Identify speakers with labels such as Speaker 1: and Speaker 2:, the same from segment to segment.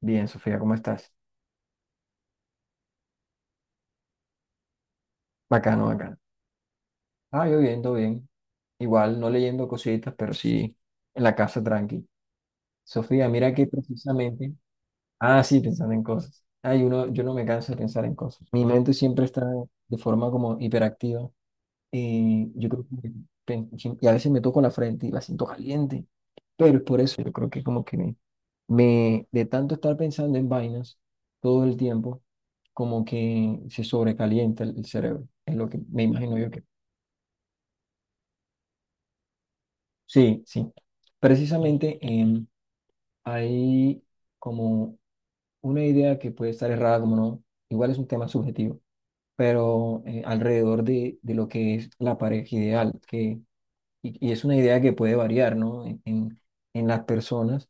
Speaker 1: Bien, Sofía, ¿cómo estás? Bacano, bacano. Ah, yo bien, todo bien. Igual, no leyendo cositas, pero sí en la casa tranqui. Sofía, mira que precisamente. Ah, sí, pensando en cosas. Ay, uno, yo no me canso de pensar en cosas. Mi mente siempre está de forma como hiperactiva. Y yo creo que. pen- Y a veces me toco la frente y la siento caliente. Pero es por eso, yo creo que como que me, de tanto estar pensando en vainas todo el tiempo, como que se sobrecalienta el cerebro. Es lo que me imagino yo que. Sí, sí. Precisamente, hay como una idea que puede estar errada, como no, igual es un tema subjetivo, pero alrededor de, lo que es la pareja ideal, que, y es una idea que puede variar, ¿no? En las personas,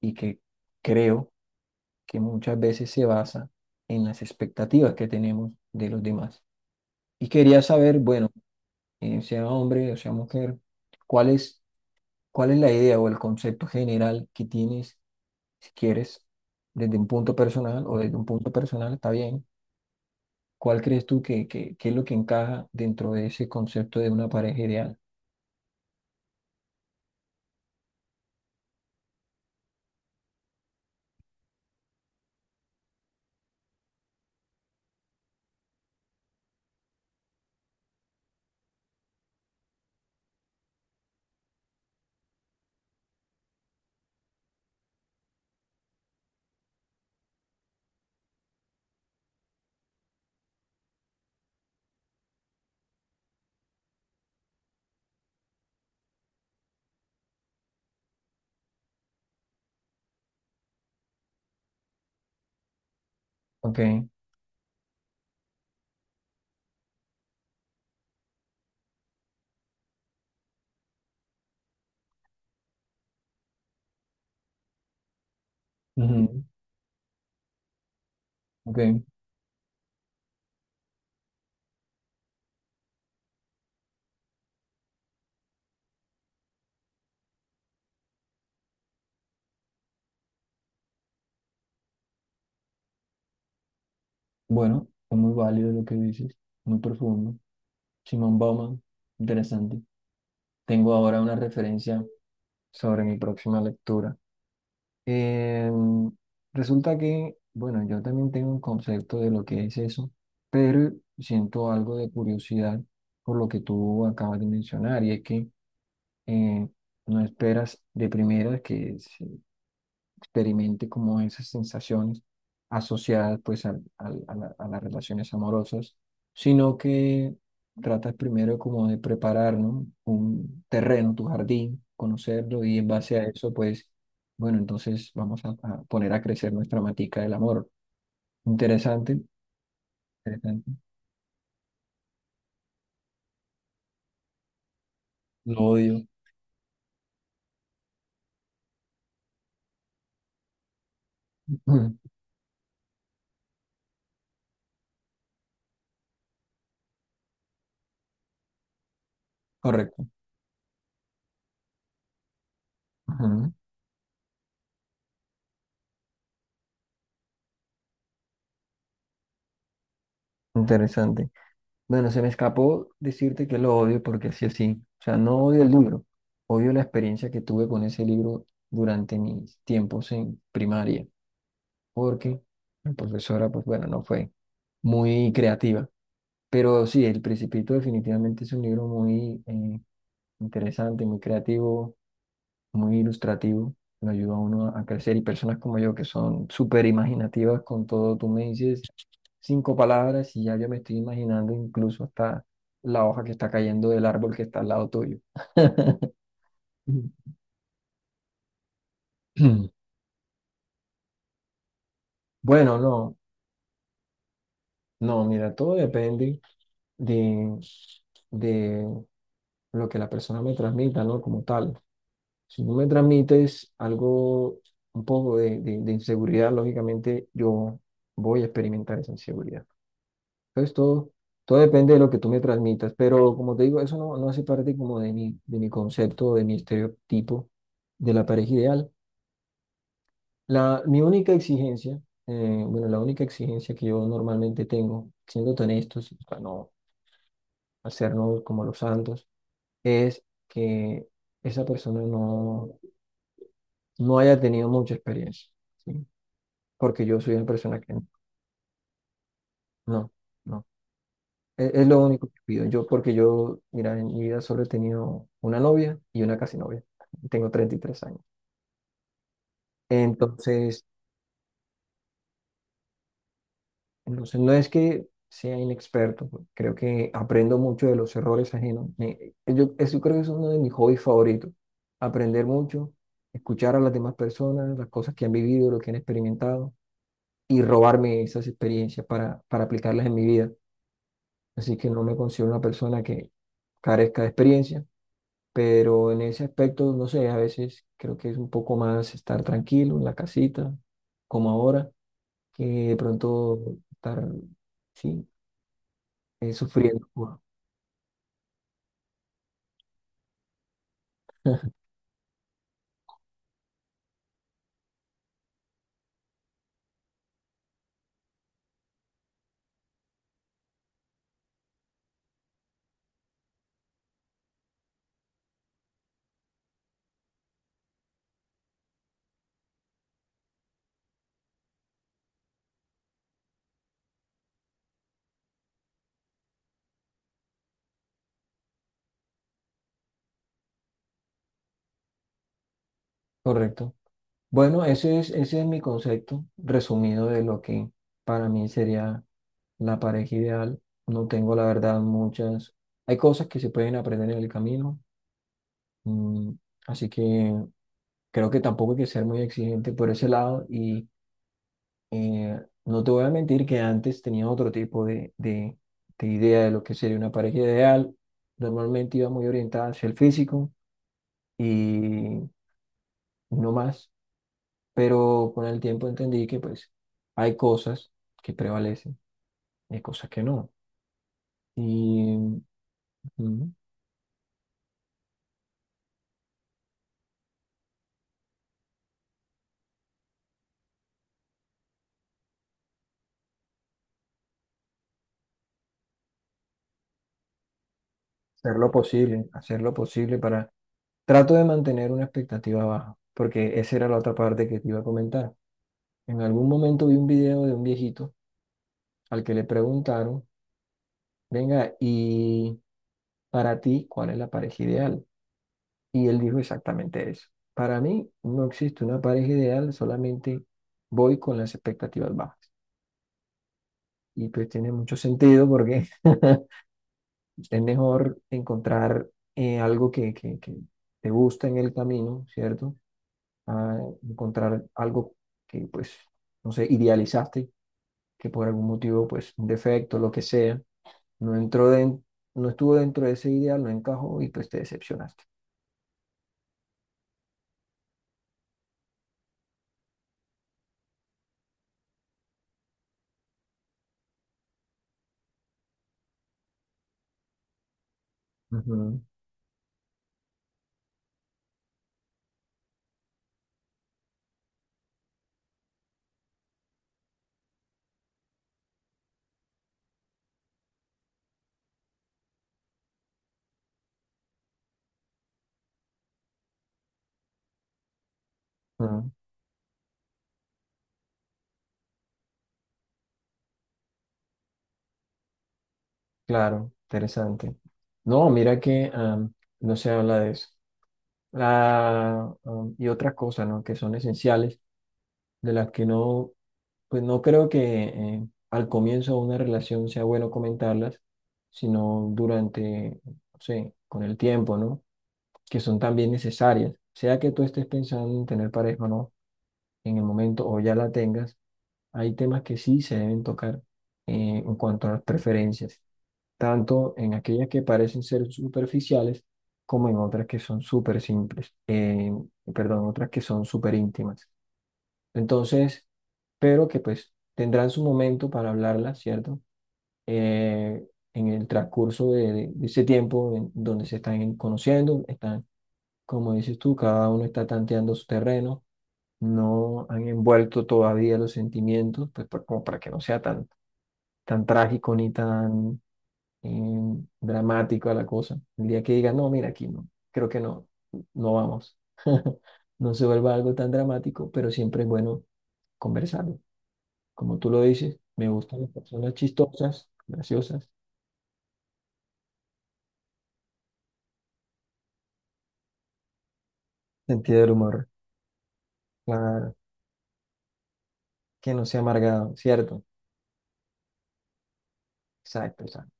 Speaker 1: y que creo que muchas veces se basa en las expectativas que tenemos de los demás. Y quería saber, bueno, sea hombre o sea mujer, ¿cuál es, ¿cuál es la idea o el concepto general que tienes? Si quieres, desde un punto personal o desde un punto personal, está bien. ¿Cuál crees tú que es lo que encaja dentro de ese concepto de una pareja ideal? Ok, ujú, ok. Bueno, es muy válido lo que dices, muy profundo. Simón Bauman, interesante. Tengo ahora una referencia sobre mi próxima lectura. Em, resulta que, bueno, yo también tengo un concepto de lo que es eso, pero siento algo de curiosidad por lo que tú acabas de mencionar, y es que eh, no esperas de primera que se experimente como esas sensaciones asociadas pues a las relaciones amorosas, sino que tratas primero como de preparar, ¿no? Un terreno, tu jardín, conocerlo y en base a eso pues, bueno, entonces vamos a, poner a crecer nuestra matica del amor. Interesante, interesante. Lo odio. Correcto. Ujú. Interesante. Bueno, se me escapó decirte que lo odio porque así así. O sea, no odio el libro, odio la experiencia que tuve con ese libro durante mis tiempos en primaria, porque la profesora, pues bueno, no fue muy creativa. Pero sí, El Principito definitivamente es un libro muy interesante, muy creativo, muy ilustrativo. Lo ayuda a uno a crecer, y personas como yo que son súper imaginativas con todo, tú me dices cinco palabras y ya yo me estoy imaginando incluso hasta la hoja que está cayendo del árbol que está al lado tuyo. Bueno, no, no, mira, todo depende de, de lo que la persona me transmita, ¿no? Como tal. Si tú me transmites algo, un poco de, de inseguridad, lógicamente yo voy a experimentar esa inseguridad. Entonces todo depende de lo que tú me transmitas, pero como te digo, eso no hace parte como de mi concepto, de mi estereotipo de la pareja ideal. Mi única exigencia, bueno, la única exigencia que yo normalmente tengo, siendo tan estos, para no hacernos como los santos, es que esa persona no haya tenido mucha experiencia, ¿sí? Porque yo soy una persona que no, no. Es lo único que pido. Yo, porque yo, mira, en mi vida solo he tenido una novia y una casi novia. Tengo 33 años. Entonces, entonces no es que sea inexperto, pues creo que aprendo mucho de los errores ajenos. Yo, eso creo que es uno de mis hobbies favoritos. Aprender mucho, escuchar a las demás personas, las cosas que han vivido, lo que han experimentado y robarme esas experiencias para, aplicarlas en mi vida. Así que no me considero una persona que carezca de experiencia, pero en ese aspecto, no sé, a veces creo que es un poco más estar tranquilo en la casita, como ahora, que de pronto estar, sí, sufriendo. Correcto. Bueno, ese es mi concepto resumido de lo que para mí sería la pareja ideal. No tengo, la verdad, muchas. Hay cosas que se pueden aprender en el camino, mm, así que creo que tampoco hay que ser muy exigente por ese lado. Y Eh, no te voy a mentir que antes tenía otro tipo de idea de lo que sería una pareja ideal. Normalmente iba muy orientada hacia el físico y no más, pero con el tiempo entendí que pues hay cosas que prevalecen y hay cosas que no. Y ujú, hacer lo posible para. Trato de mantener una expectativa baja, porque esa era la otra parte que te iba a comentar. En algún momento vi un video de un viejito al que le preguntaron venga, ¿y para ti cuál es la pareja ideal? Y él dijo exactamente eso. Para mí no existe una pareja ideal, solamente voy con las expectativas bajas. Y pues tiene mucho sentido porque es mejor encontrar algo que te gusta en el camino, ¿cierto? A encontrar algo que pues, no sé, idealizaste, que por algún motivo, pues, un defecto, lo que sea, no entró den- no estuvo dentro de ese ideal, no encajó y pues te decepcionaste. Ujú, ujú, claro, interesante. No, mira que, no se habla de eso. Y otras cosas, ¿no? Que son esenciales, de las que no, pues no creo que al comienzo de una relación sea bueno comentarlas, sino durante, no sé, con el tiempo, ¿no? Que son también necesarias. Sea que tú estés pensando en tener pareja o no, en el momento o ya la tengas, hay temas que sí se deben tocar en cuanto a las preferencias. Tanto en aquellas que parecen ser superficiales como en otras que son súper simples, perdón, otras que son súper íntimas. Entonces, pero que pues tendrán su momento para hablarlas, ¿cierto? Eh, en el transcurso de, de ese tiempo en donde se están conociendo, están, como dices tú, cada uno está tanteando su terreno, no han envuelto todavía los sentimientos, pues como para que no sea tan trágico ni tan dramática la cosa. El día que diga, no, mira, aquí no, creo que no vamos. No se vuelva algo tan dramático, pero siempre es bueno conversarlo. Como tú lo dices, me gustan las personas chistosas, graciosas, sentido del humor, claro, que no sea amargado, ¿cierto? Exacto, exacto.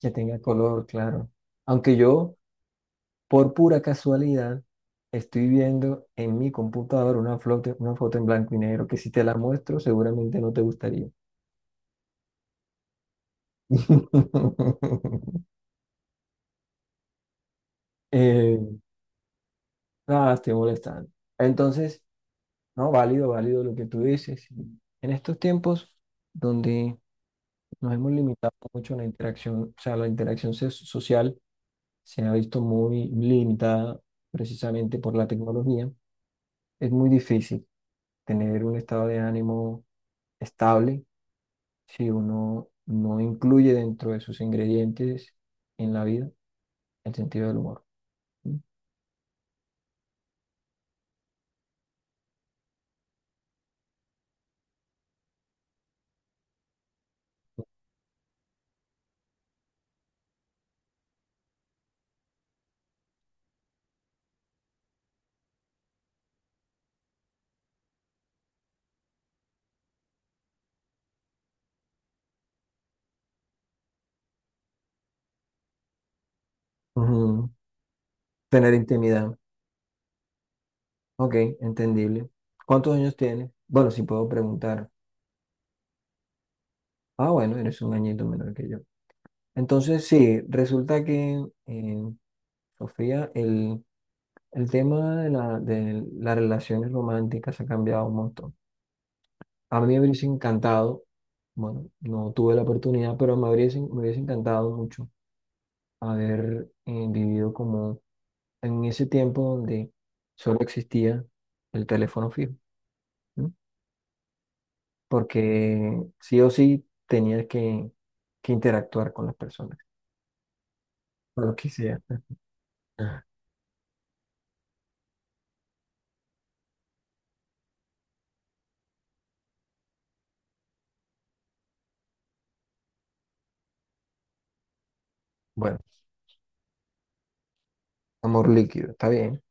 Speaker 1: Que tenga color, claro. Aunque yo, por pura casualidad, estoy viendo en mi computadora una foto en blanco y negro que si te la muestro seguramente no te gustaría. Eh, nada, estoy molestando. Entonces, no, válido, válido lo que tú dices. En estos tiempos donde nos hemos limitado mucho a la interacción, o sea, la interacción social se ha visto muy limitada precisamente por la tecnología, es muy difícil tener un estado de ánimo estable si uno no incluye dentro de sus ingredientes en la vida el sentido del humor. Ujú. Tener intimidad. Ok, entendible. ¿Cuántos años tienes? Bueno, si puedo preguntar. Ah, bueno, eres un añito menor que yo. Entonces, sí, resulta que, Sofía, el tema de las relaciones románticas ha cambiado un montón. A mí me hubiese encantado, bueno, no tuve la oportunidad, pero me hubiese encantado mucho haber vivido como en ese tiempo donde solo existía el teléfono fijo. Porque sí o sí tenía que interactuar con las personas, o lo que sea. Ah, bueno, amor líquido, está bien.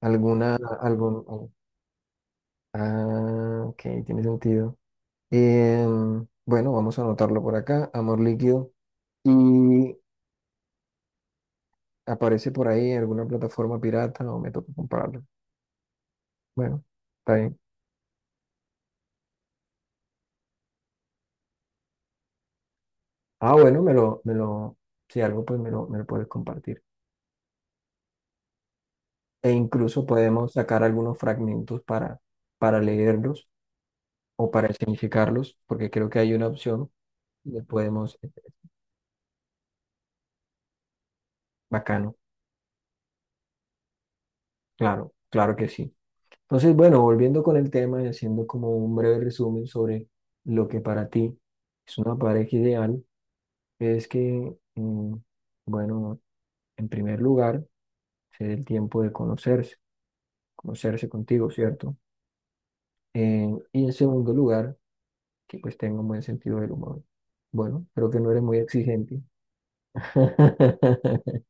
Speaker 1: Oh, ah, ok, tiene sentido. Bueno, vamos a anotarlo por acá, amor líquido. Y aparece por ahí en alguna plataforma pirata o me toca comprarlo. Bueno, está bien. Ah, bueno, me lo, si algo, pues me lo puedes compartir. E incluso podemos sacar algunos fragmentos para, leerlos o para escenificarlos, porque creo que hay una opción, y le podemos, bacano, claro, claro que sí. Entonces, bueno, volviendo con el tema y haciendo como un breve resumen sobre lo que para ti es una pareja ideal, es que, bueno, en primer lugar, se dé el tiempo de conocerse, conocerse contigo, ¿cierto? Y en segundo lugar, que pues tenga un buen sentido del humor. Bueno, creo que no eres muy exigente.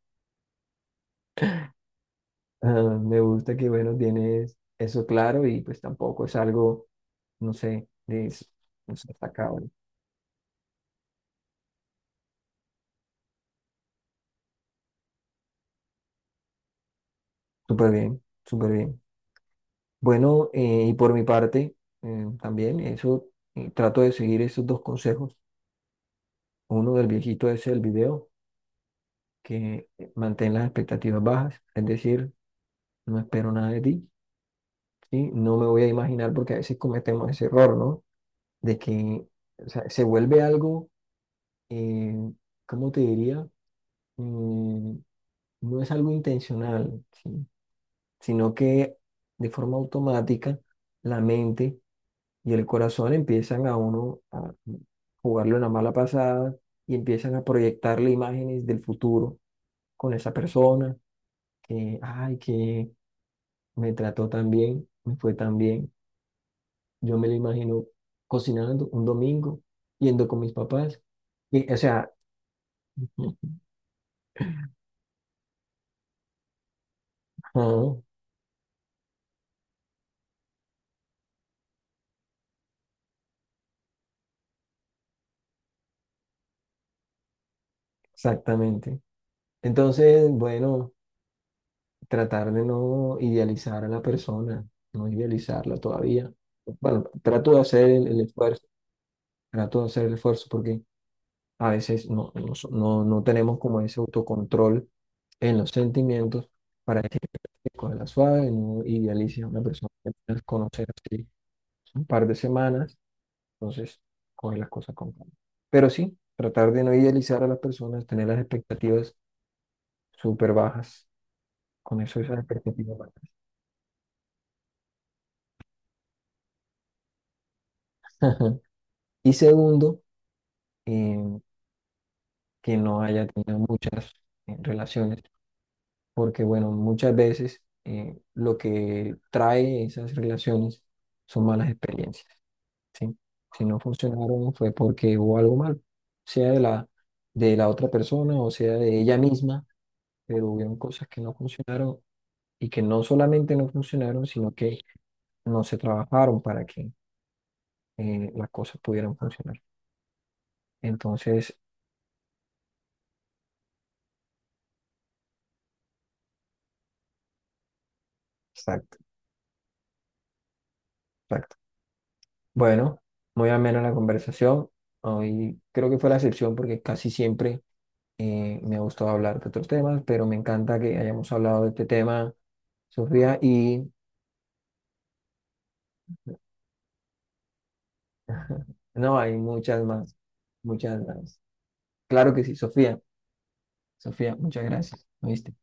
Speaker 1: Ah, me gusta que, bueno, tienes eso claro y pues tampoco es algo, no sé, es, no sé, está súper bien, súper bien. Bueno, y por mi parte, también eso, trato de seguir esos dos consejos. Uno del viejito ese del video, que mantén las expectativas bajas, es decir, no espero nada de ti, ¿sí? No me voy a imaginar, porque a veces cometemos ese error, ¿no? De que, o sea, se vuelve algo, eh, ¿cómo te diría? Mm, no es algo intencional, ¿sí? Sino que de forma automática la mente y el corazón empiezan a uno a jugarle una mala pasada y empiezan a proyectarle imágenes del futuro con esa persona que, ay, que me trató tan bien, me fue tan bien. Yo me lo imagino cocinando un domingo, yendo con mis papás. Y, o sea, ajá, exactamente. Entonces, bueno. Tratar de no idealizar a la persona, no idealizarla todavía. Bueno, trato de hacer el esfuerzo, trato de hacer el esfuerzo, porque a veces no tenemos como ese autocontrol en los sentimientos para decir con la suave, no idealice a una persona que puedes conocer así un par de semanas, entonces coge las cosas con calma. Pero sí, tratar de no idealizar a las personas, tener las expectativas súper bajas, con eso esas expectativas bajas. Y segundo, eh, que no haya tenido muchas relaciones, porque bueno, muchas veces lo que trae esas relaciones son malas experiencias, ¿sí? Si no funcionaron fue porque hubo algo mal, sea de la otra persona o sea de ella misma, pero hubieron cosas que no funcionaron y que no solamente no funcionaron, sino que no se trabajaron para que las cosas pudieran funcionar. Entonces, exacto. Exacto. Bueno, muy amena la conversación. Hoy creo que fue la excepción porque casi siempre me ha gustado hablar de otros temas, pero me encanta que hayamos hablado de este tema, Sofía, y no, hay muchas más, muchas más. Claro que sí, Sofía. Sofía, muchas gracias. ¿Oíste?